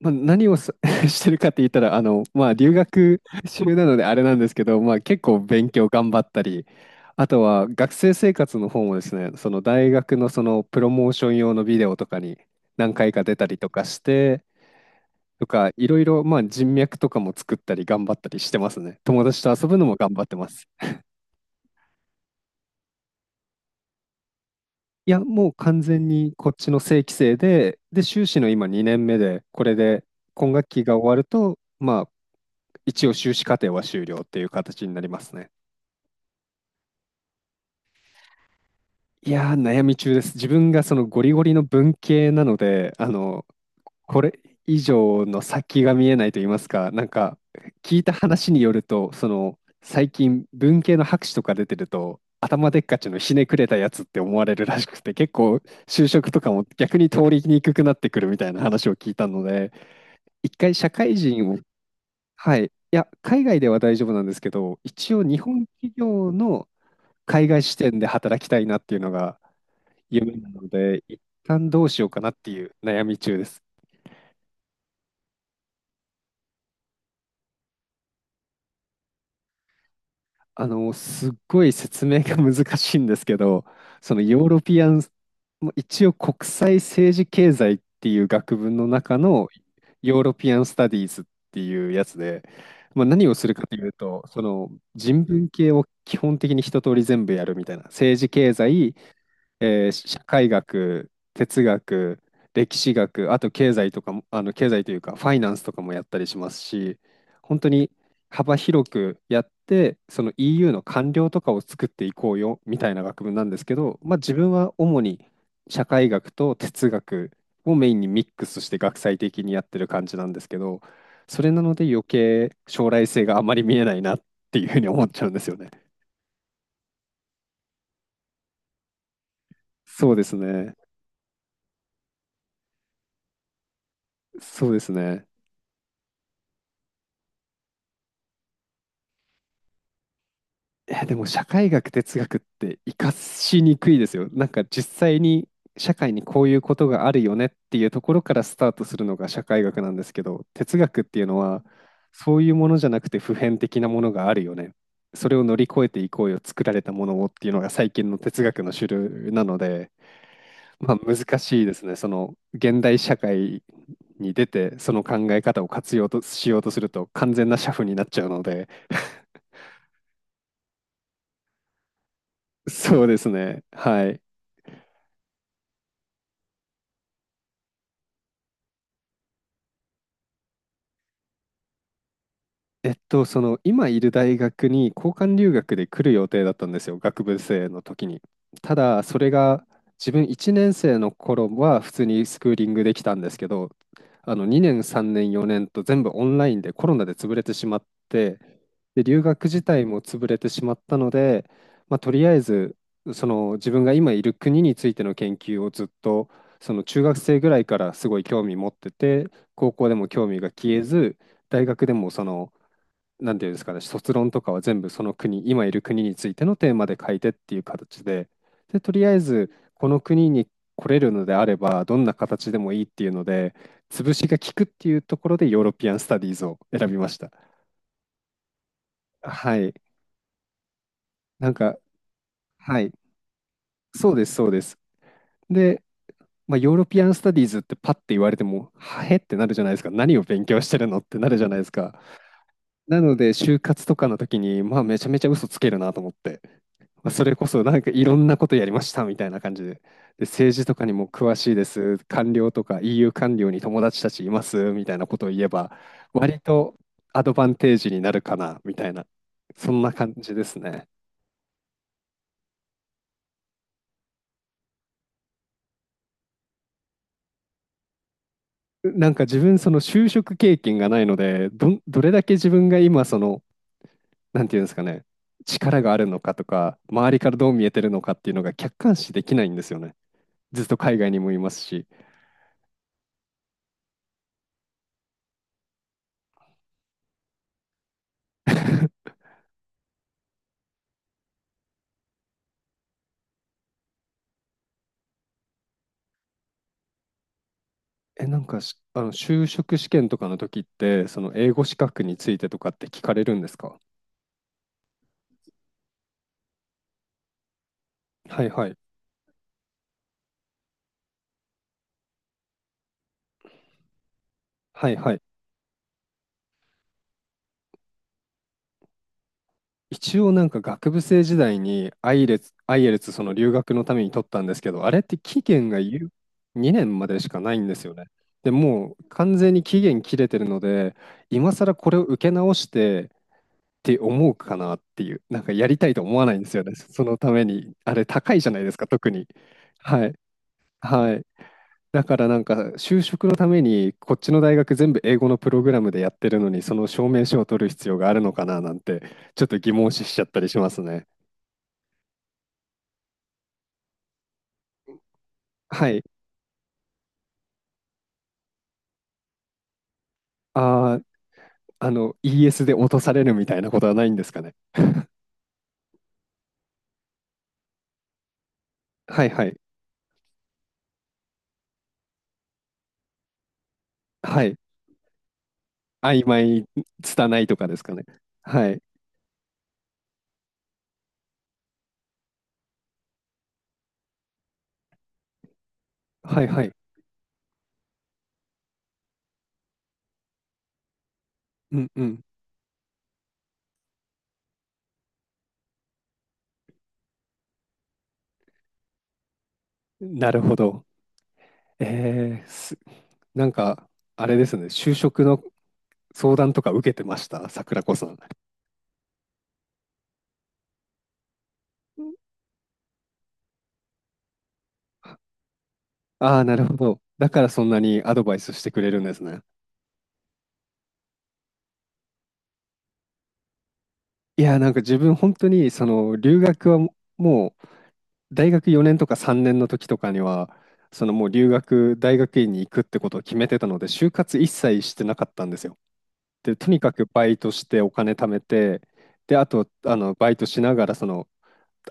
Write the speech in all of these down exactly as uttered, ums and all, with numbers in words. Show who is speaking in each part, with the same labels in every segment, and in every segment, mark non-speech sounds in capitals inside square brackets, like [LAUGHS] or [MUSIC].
Speaker 1: まあ、何をさ [LAUGHS] してるかって言ったら、あの、まあ、留学中なのであれなんですけど、まあ、結構勉強頑張ったり、あとは学生生活の方もですね、その大学のそのプロモーション用のビデオとかに何回か出たりとかして、とか、いろいろ、まあ、人脈とかも作ったり頑張ったりしてますね。友達と遊ぶのも頑張ってます。いや、もう完全にこっちの正規生で、で、修士の今にねんめで、これで今学期が終わると、まあ、一応修士課程は終了っていう形になりますね。いやー、悩み中です。自分がそのゴリゴリの文系なので、あの、これ以上の先が見えないと言いますか、なんか、聞いた話によると、その、最近文系の博士とか出てると、頭でっかちのひねくれたやつって思われるらしくて、結構就職とかも逆に通りにくくなってくるみたいな話を聞いたので、一回社会人を、はい、いや、海外では大丈夫なんですけど、一応日本企業の海外視点で働きたいなっていうのが夢なので、一旦どうしようかなっていう悩み中です。あの、すっごい説明が難しいんですけど、そのヨーロピアン、も一応国際政治経済っていう学部の中のヨーロピアンスタディーズっていうやつで、まあ、何をするかというと、その人文系を基本的に一通り全部やるみたいな、政治経済、えー社会学、哲学、歴史学、あと経済とかも、あの経済というかファイナンスとかもやったりしますし、本当に幅広くやって、その イーユー の官僚とかを作っていこうよみたいな学部なんですけど、まあ、自分は主に社会学と哲学をメインにミックスして学際的にやってる感じなんですけど、それなので余計将来性があまり見えないなっていうふうに思っちゃうんですよね。そうですね。そうですね。え、でも社会学、哲学って活かしにくいですよ。なんか実際に社会にこういうことがあるよねっていうところからスタートするのが社会学なんですけど、哲学っていうのはそういうものじゃなくて普遍的なものがあるよね。それを乗り越えていこうよ、作られたものをっていうのが最近の哲学の主流なので、まあ難しいですね。その現代社会に出てその考え方を活用としようとすると完全な社夫になっちゃうので、[LAUGHS] そうですね。はい。えっと、その今いる大学に交換留学で来る予定だったんですよ、学部生の時に。ただ、それが自分いちねん生の頃は普通にスクーリングできたんですけど、あのにねん、さんねん、よねんと全部オンラインでコロナで潰れてしまって、で、留学自体も潰れてしまったので、まあ、とりあえずその自分が今いる国についての研究をずっとその中学生ぐらいからすごい興味持ってて、高校でも興味が消えず、大学でもそのなんていうんですかね、卒論とかは全部その国、今いる国についてのテーマで書いてっていう形で、で、とりあえずこの国に来れるのであれば、どんな形でもいいっていうので、潰しが効くっていうところでヨーロピアン・スタディーズを選びました。はい。なんか、はい。そうです、そうです。で、まあ、ヨーロピアン・スタディーズってパッて言われても、はへってなるじゃないですか。何を勉強してるのってなるじゃないですか。なので、就活とかの時に、まあ、めちゃめちゃ嘘つけるなと思って、まあ、それこそなんかいろんなことやりましたみたいな感じで、で、政治とかにも詳しいです、官僚とか イーユー 官僚に友達たちいますみたいなことを言えば、割とアドバンテージになるかなみたいな、そんな感じですね。なんか自分、その就職経験がないので、ど、どれだけ自分が今、その、なんていうんですかね、力があるのかとか、周りからどう見えてるのかっていうのが客観視できないんですよね。ずっと海外にもいますし。[LAUGHS] え、なんかし、あの、就職試験とかの時って、その英語資格についてとかって聞かれるんですか？はいはい。はいはい。一応なんか学部生時代にアイレツ、アイエルツその留学のために取ったんですけど、あれって期限がゆにねんまでしかないんですよね。でもう完全に期限切れてるので、今更これを受け直してって思うかなっていう、なんかやりたいと思わないんですよね。そのために、あれ高いじゃないですか、特に。はい。はい。だからなんか就職のためにこっちの大学全部英語のプログラムでやってるのにその証明書を取る必要があるのかななんてちょっと疑問視しちゃったりしますね。はい。あー、あの イーエス で落とされるみたいなことはないんですかね。はいはい。はい。曖昧、拙いとかですかね。はい。はいはい。うんうん。なるほど。えー、すなんか、あれですね、就職の相談とか受けてました、桜子さん。ああ、なるほど。だからそんなにアドバイスしてくれるんですね。いや、なんか自分本当に、その留学はもう、大学よねんとかさんねんの時とかには、そのもう留学、大学院に行くってことを決めてたので、就活一切してなかったんですよ。で、とにかくバイトしてお金貯めて、で、あと、あの、バイトしながら、その、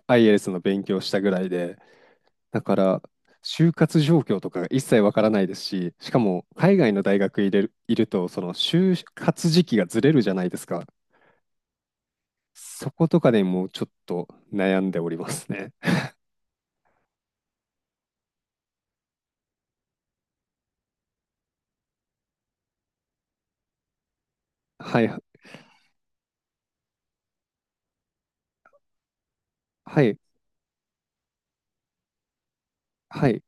Speaker 1: アイエルツ の勉強したぐらいで、だから、就活状況とかが一切わからないですし、しかも海外の大学入れる、いると、その就活時期がずれるじゃないですか。そことかでもうちょっと悩んでおりますね。[LAUGHS] はい、はい、はい、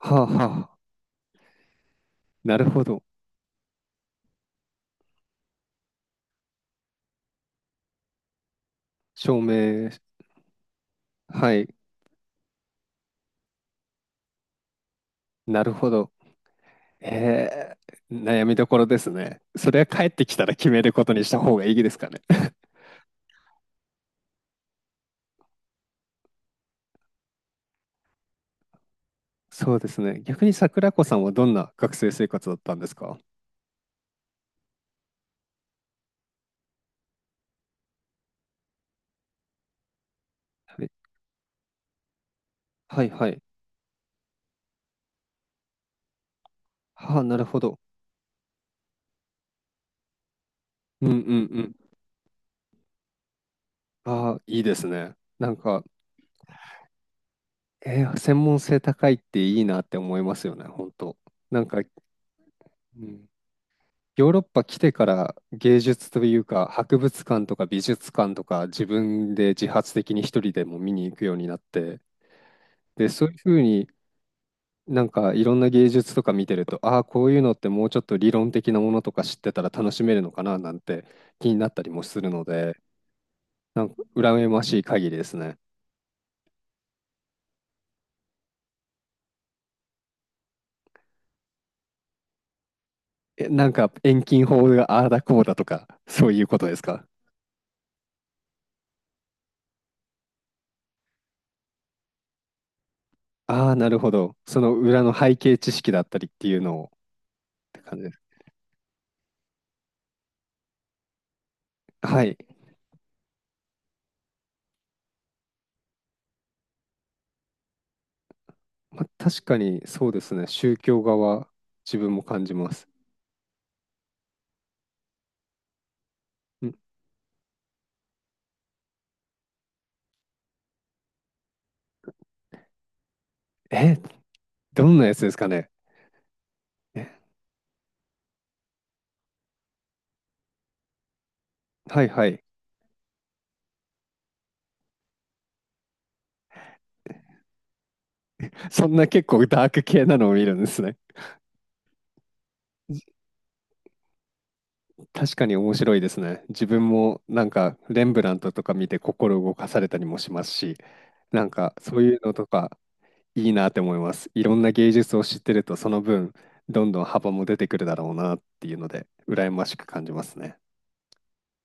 Speaker 1: はあ、はあ、なるほど。証明、はい、なるほど。えー、悩みどころですね。それは帰ってきたら決めることにした方がいいですかね。[LAUGHS] そうですね。逆に桜子さんはどんな学生生活だったんですか？はい、はい、はい。はあ、なるほど。うんうんうん。ああ、いいですね。なんか、えー専門性高いっていいなって思いますよね、本当。なんか、うん、ヨーロッパ来てから芸術というか、博物館とか美術館とか自分で自発的に一人でも見に行くようになって、で、そういうふうになんかいろんな芸術とか見てると、ああ、こういうのってもうちょっと理論的なものとか知ってたら楽しめるのかななんて気になったりもするので、なんか羨ましい限りですね。え、なんか遠近法がああだこうだとか、そういうことですか？ああ、なるほど。その裏の背景知識だったりっていうのをって感じです。はい。まあ、確かにそうですね。宗教側は自分も感じます。ん、え、どんなやつですかね。え、はいはい。そんな結構ダーク系なのを見るんですね。確かに面白いですね。自分もなんかレンブラントとか見て心動かされたりもしますし、なんかそういうのとかいいなって思います。いろんな芸術を知ってると、その分、どんどん幅も出てくるだろうなっていうので、羨ましく感じますね。